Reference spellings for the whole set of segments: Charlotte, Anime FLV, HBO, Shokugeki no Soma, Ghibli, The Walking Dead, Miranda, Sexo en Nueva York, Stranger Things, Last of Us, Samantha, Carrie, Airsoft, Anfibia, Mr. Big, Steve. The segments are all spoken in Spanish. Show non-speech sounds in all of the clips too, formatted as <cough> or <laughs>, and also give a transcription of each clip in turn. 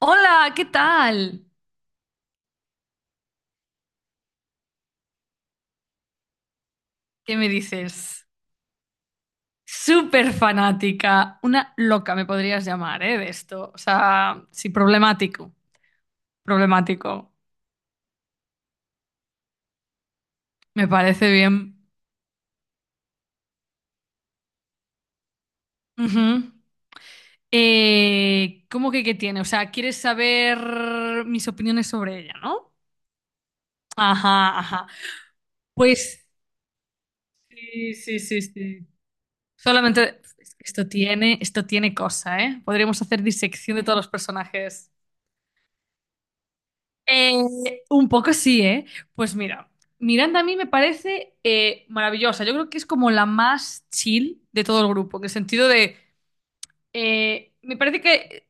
Hola, ¿qué tal? ¿Qué me dices? Súper fanática, una loca me podrías llamar, ¿eh? De esto. O sea, sí, problemático, problemático. Me parece bien. Ujú. ¿Cómo que qué tiene? O sea, ¿quieres saber mis opiniones sobre ella, no? Ajá, ajá. Pues sí, sí, sí, sí. Solamente es que esto tiene cosa, ¿eh? Podríamos hacer disección de todos los personajes. Eh, un poco sí, ¿eh? Pues mira, Miranda a mí me parece maravillosa. Yo creo que es como la más chill de todo el grupo, en el sentido de, me parece que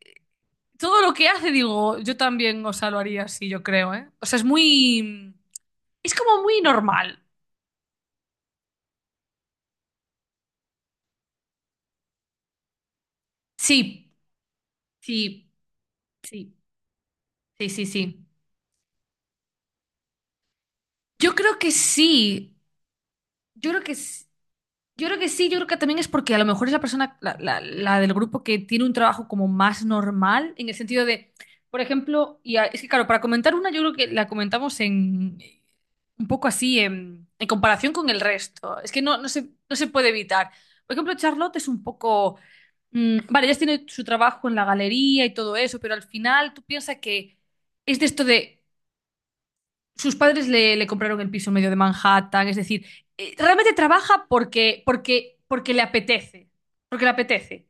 todo lo que hace, digo, yo también, o sea, lo haría así, yo creo, ¿eh? O sea, es muy, es como muy normal. Sí, sí, sí, sí, sí, sí. Yo creo que sí, yo creo que sí. Yo creo que sí, yo creo que también es porque a lo mejor es la persona, la del grupo que tiene un trabajo como más normal, en el sentido de, por ejemplo, es que claro, para comentar una, yo creo que la comentamos en un poco así en, comparación con el resto. Es que no, no se puede evitar. Por ejemplo, Charlotte es un poco. Vale, ella tiene su trabajo en la galería y todo eso, pero al final tú piensas que es de esto de sus padres le compraron el piso en medio de Manhattan, es decir, realmente trabaja porque le apetece, porque le apetece.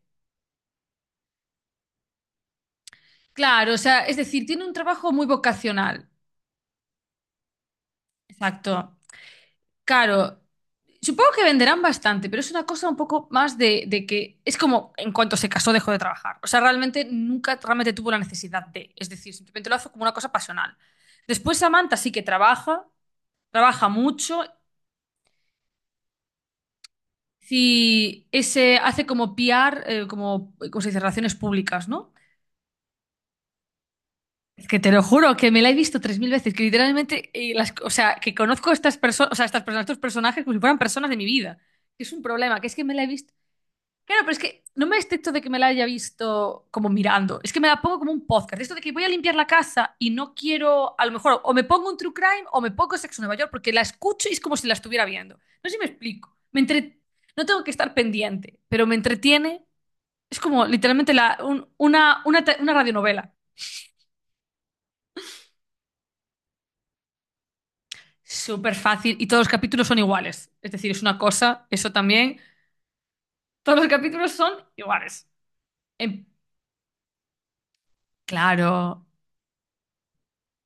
Claro, o sea, es decir, tiene un trabajo muy vocacional. Exacto. Claro, supongo que venderán bastante, pero es una cosa un poco más de que es como en cuanto se casó dejó de trabajar. O sea, realmente nunca realmente tuvo la necesidad de, es decir, simplemente lo hace como una cosa pasional. Después Samantha sí que trabaja mucho. Sí, ese hace como PR, como, ¿cómo se dice? Relaciones públicas, ¿no? Es que te lo juro que me la he visto 3000 veces, que literalmente, o sea, que conozco a estas personas, o sea, estas personas, estos personajes como si fueran personas de mi vida. Que es un problema, que es que me la he visto. Claro, pero es que no me excepto de que me la haya visto como mirando. Es que me la pongo como un podcast. Esto de que voy a limpiar la casa y no quiero, a lo mejor, o me pongo un true crime o me pongo Sexo en Nueva York, porque la escucho y es como si la estuviera viendo. No sé si me explico. No tengo que estar pendiente, pero me entretiene. Es como literalmente la, un- una, te- una radionovela. Súper fácil y todos los capítulos son iguales. Es decir, es una cosa, eso también. Todos los capítulos son iguales. Em, claro,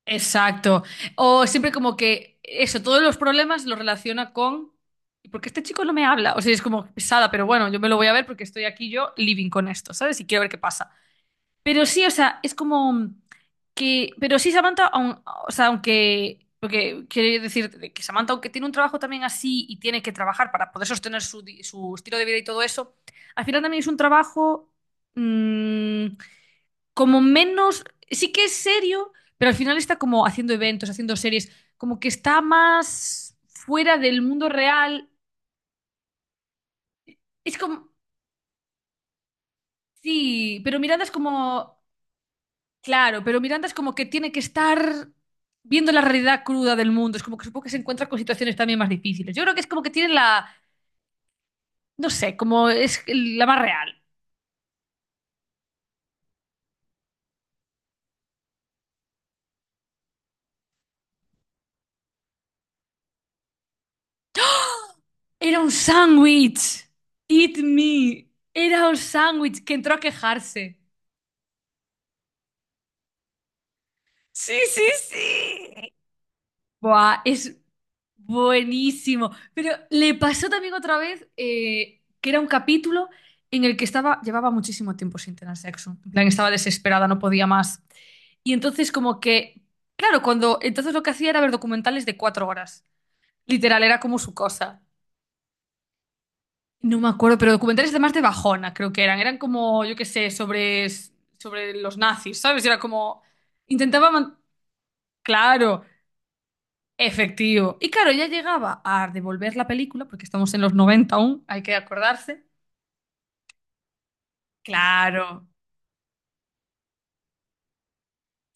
exacto. O siempre como que eso, todos los problemas los relaciona con... ¿Y por qué este chico no me habla? O sea, es como pesada, pero bueno, yo me lo voy a ver porque estoy aquí yo living con esto, ¿sabes? Y quiero ver qué pasa. Pero sí, o sea, es como que. Pero sí, Samantha, o sea, aunque. Porque quiero decir que Samantha, aunque tiene un trabajo también así y tiene que trabajar para poder sostener su estilo de vida y todo eso, al final también es un trabajo mm, como menos. Sí que es serio, pero al final está como haciendo eventos, haciendo series, como que está más fuera del mundo real. Es como. Sí, pero Miranda es como. Claro, pero Miranda es como que tiene que estar viendo la realidad cruda del mundo. Es como que supongo que se encuentra con situaciones también más difíciles. Yo creo que es como que tiene la, no sé, como es la más real. Era un sándwich. Eat me. Era un sándwich que entró a quejarse. Sí, sí, sí. Buah, es buenísimo. Pero le pasó también otra vez que era un capítulo en el que estaba, llevaba muchísimo tiempo sin tener sexo. En plan, estaba desesperada, no podía más. Y entonces como que, claro, cuando, entonces lo que hacía era ver documentales de 4 horas. Literal, era como su cosa. No me acuerdo, pero documentales además de Bajona, creo que eran. Eran como, yo qué sé, sobre, sobre los nazis, ¿sabes? Era como, intentaba, claro, efectivo. Y claro, ya llegaba a devolver la película, porque estamos en los 90 aún, hay que acordarse. Claro,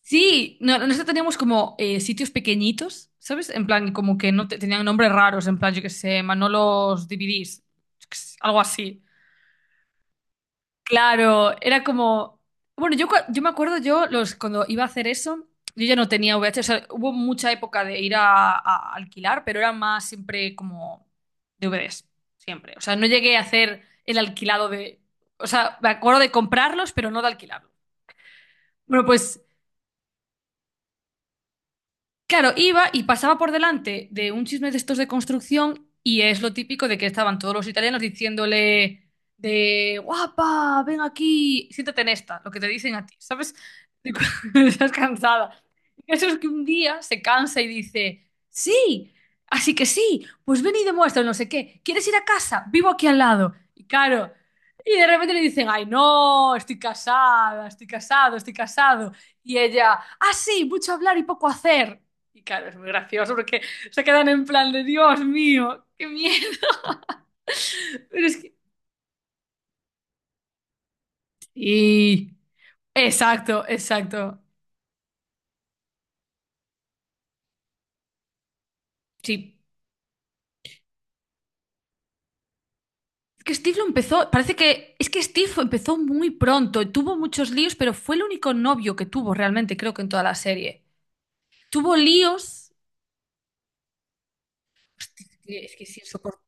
sí, nosotros teníamos como sitios pequeñitos, ¿sabes? En plan, como que no te- tenían nombres raros, en plan, yo qué sé, Manolos DVDs, yo qué sé, algo así. Claro, era como... Bueno, yo, yo me acuerdo, yo los, cuando iba a hacer eso, yo ya no tenía VHS, o sea, hubo mucha época de ir a alquilar, pero era más siempre como DVDs, siempre. O sea, no llegué a hacer el alquilado de... O sea, me acuerdo de comprarlos, pero no de alquilarlos. Bueno, pues claro, iba y pasaba por delante de un chisme de estos de construcción y es lo típico de que estaban todos los italianos diciéndole de guapa, ven aquí, siéntate en esta, lo que te dicen a ti, ¿sabes? <laughs> Digo, estás cansada. Y eso es que un día se cansa y dice, sí, así que sí, pues ven y demuestra no sé qué, ¿quieres ir a casa? Vivo aquí al lado. Y claro, y de repente le dicen, ay no, estoy casada, estoy casado, estoy casado. Y ella, ah, sí, mucho hablar y poco hacer. Y claro, es muy gracioso porque se quedan en plan de Dios mío, qué miedo. <laughs> Pero es que. Sí, exacto, exacto. Sí. Es que Steve lo empezó. Parece que. Es que Steve empezó muy pronto. Tuvo muchos líos, pero fue el único novio que tuvo realmente, creo que en toda la serie. Tuvo líos. Hostia, es que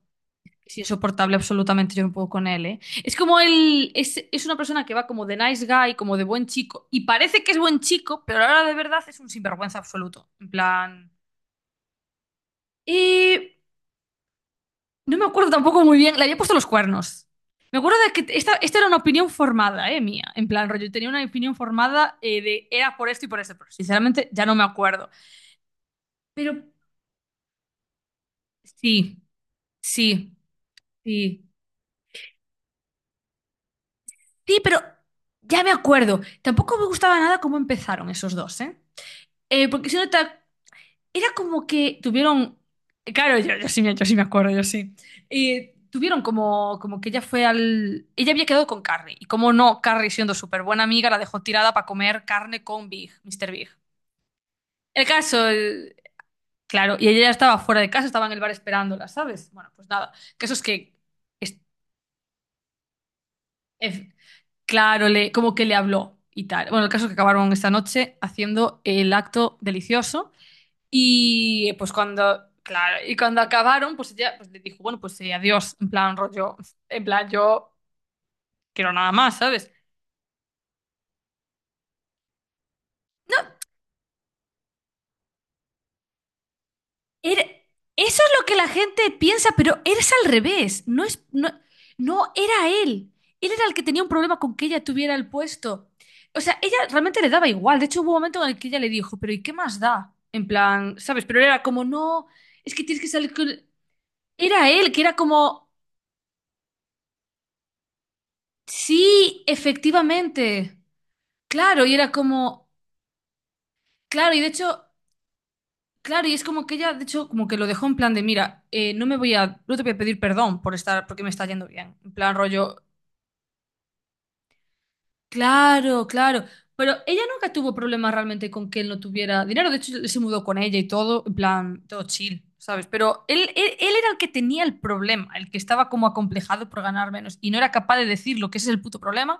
es insoportable absolutamente, yo no puedo con él, ¿eh? Es como él, es una persona que va como de nice guy, como de buen chico, y parece que es buen chico, pero ahora de verdad es un sinvergüenza absoluto. En plan, y no me acuerdo tampoco muy bien, le había puesto los cuernos. Me acuerdo de que esta era una opinión formada, mía. En plan, rollo, tenía una opinión formada de era por esto y por esto, pero sinceramente ya no me acuerdo. Pero sí, sí, sí. Sí, pero ya me acuerdo. Tampoco me gustaba nada cómo empezaron esos dos, ¿eh? Porque si no te, era como que tuvieron, claro, yo sí, yo sí me acuerdo, yo sí. Tuvieron como que ella fue al... Ella había quedado con Carrie. Y como no, Carrie siendo súper buena amiga, la dejó tirada para comer carne con Big, Mr. Big. El caso, claro, y ella ya estaba fuera de casa, estaba en el bar esperándola, ¿sabes? Bueno, pues nada. El caso es que, es- es- claro, como que le habló y tal. Bueno, el caso es que acabaron esta noche haciendo el acto delicioso. Claro, y cuando acabaron, pues ella pues, le dijo, bueno, pues adiós, en plan rollo, en plan yo quiero nada más, ¿sabes? Era- Eso es lo que la gente piensa, pero eres al revés. No es, no, no era él. Él era el que tenía un problema con que ella tuviera el puesto. O sea, ella realmente le daba igual. De hecho, hubo un momento en el que ella le dijo, pero ¿y qué más da? En plan, ¿sabes? Pero era como, no, es que tienes que salir con... Era él, que era como, sí, efectivamente. Claro, y era como, claro, y de hecho, claro, y es como que ella, de hecho, como que lo dejó en plan de, mira, no te voy a pedir perdón por estar, porque me está yendo bien. En plan rollo, claro, claro. Pero ella nunca tuvo problemas realmente con que él no tuviera dinero. De hecho, él se mudó con ella y todo, en plan, todo chill, ¿sabes? Pero él era el que tenía el problema, el que estaba como acomplejado por ganar menos y no era capaz de decirlo, que ese es el puto problema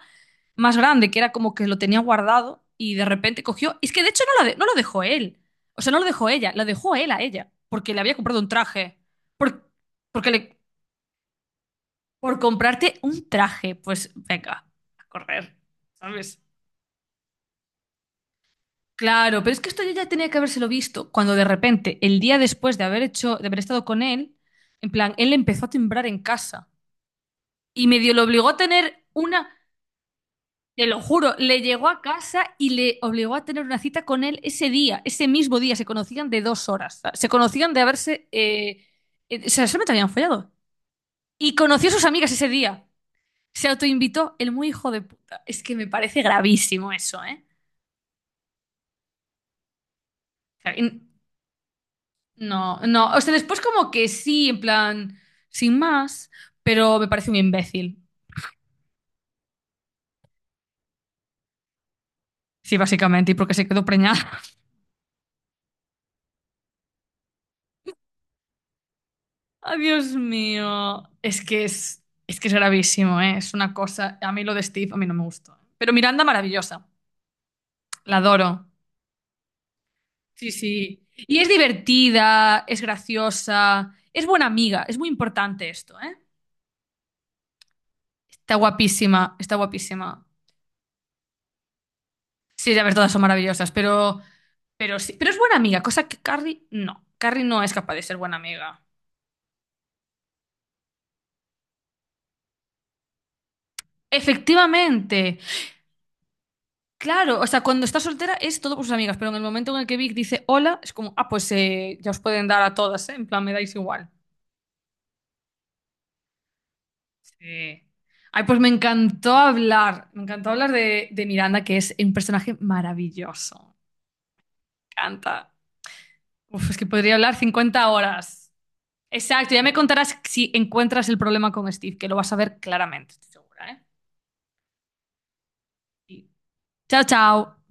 más grande, que era como que lo tenía guardado y de repente cogió. Es que de hecho no, no lo dejó él. O sea, no lo dejó ella, lo dejó él a ella. Porque le había comprado un traje. Por, porque le, por comprarte un traje, pues venga, a correr, ¿sabes? Claro, pero es que esto yo ya tenía que habérselo visto cuando de repente, el día después de haber hecho, de haber estado con él, en plan, él empezó a timbrar en casa y medio lo obligó a tener una. Te lo juro, le llegó a casa y le obligó a tener una cita con él ese día, ese mismo día. Se conocían de 2 horas. Se conocían de haberse. O sea, solamente habían follado. Y conoció a sus amigas ese día. Se autoinvitó, el muy hijo de puta. Es que me parece gravísimo eso, ¿eh? O sea, no, no. O sea, después como que sí, en plan, sin más, pero me parece un imbécil. Sí, básicamente, y porque se quedó preñada. Ay, Dios mío. Es que es gravísimo, ¿eh? Es una cosa. A mí lo de Steve, a mí no me gustó. ¿Eh? Pero Miranda, maravillosa. La adoro. Sí, sí. Y es divertida, es graciosa, es buena amiga. Es muy importante esto, ¿eh? Está guapísima, está guapísima. Sí, ya ver, todas son maravillosas, pero sí. Pero es buena amiga, cosa que Carrie no. Carrie no es capaz de ser buena amiga. Efectivamente. Claro, o sea, cuando está soltera es todo por sus amigas, pero en el momento en el que Vic dice hola, es como, ah, pues ya os pueden dar a todas, ¿eh? En plan, me dais igual. Sí. Ay, pues me encantó hablar de Miranda, que es un personaje maravilloso. Me encanta. Uf, es que podría hablar 50 horas. Exacto, ya me contarás si encuentras el problema con Steve, que lo vas a ver claramente, estoy segura, ¿eh? Y- Chao, chao.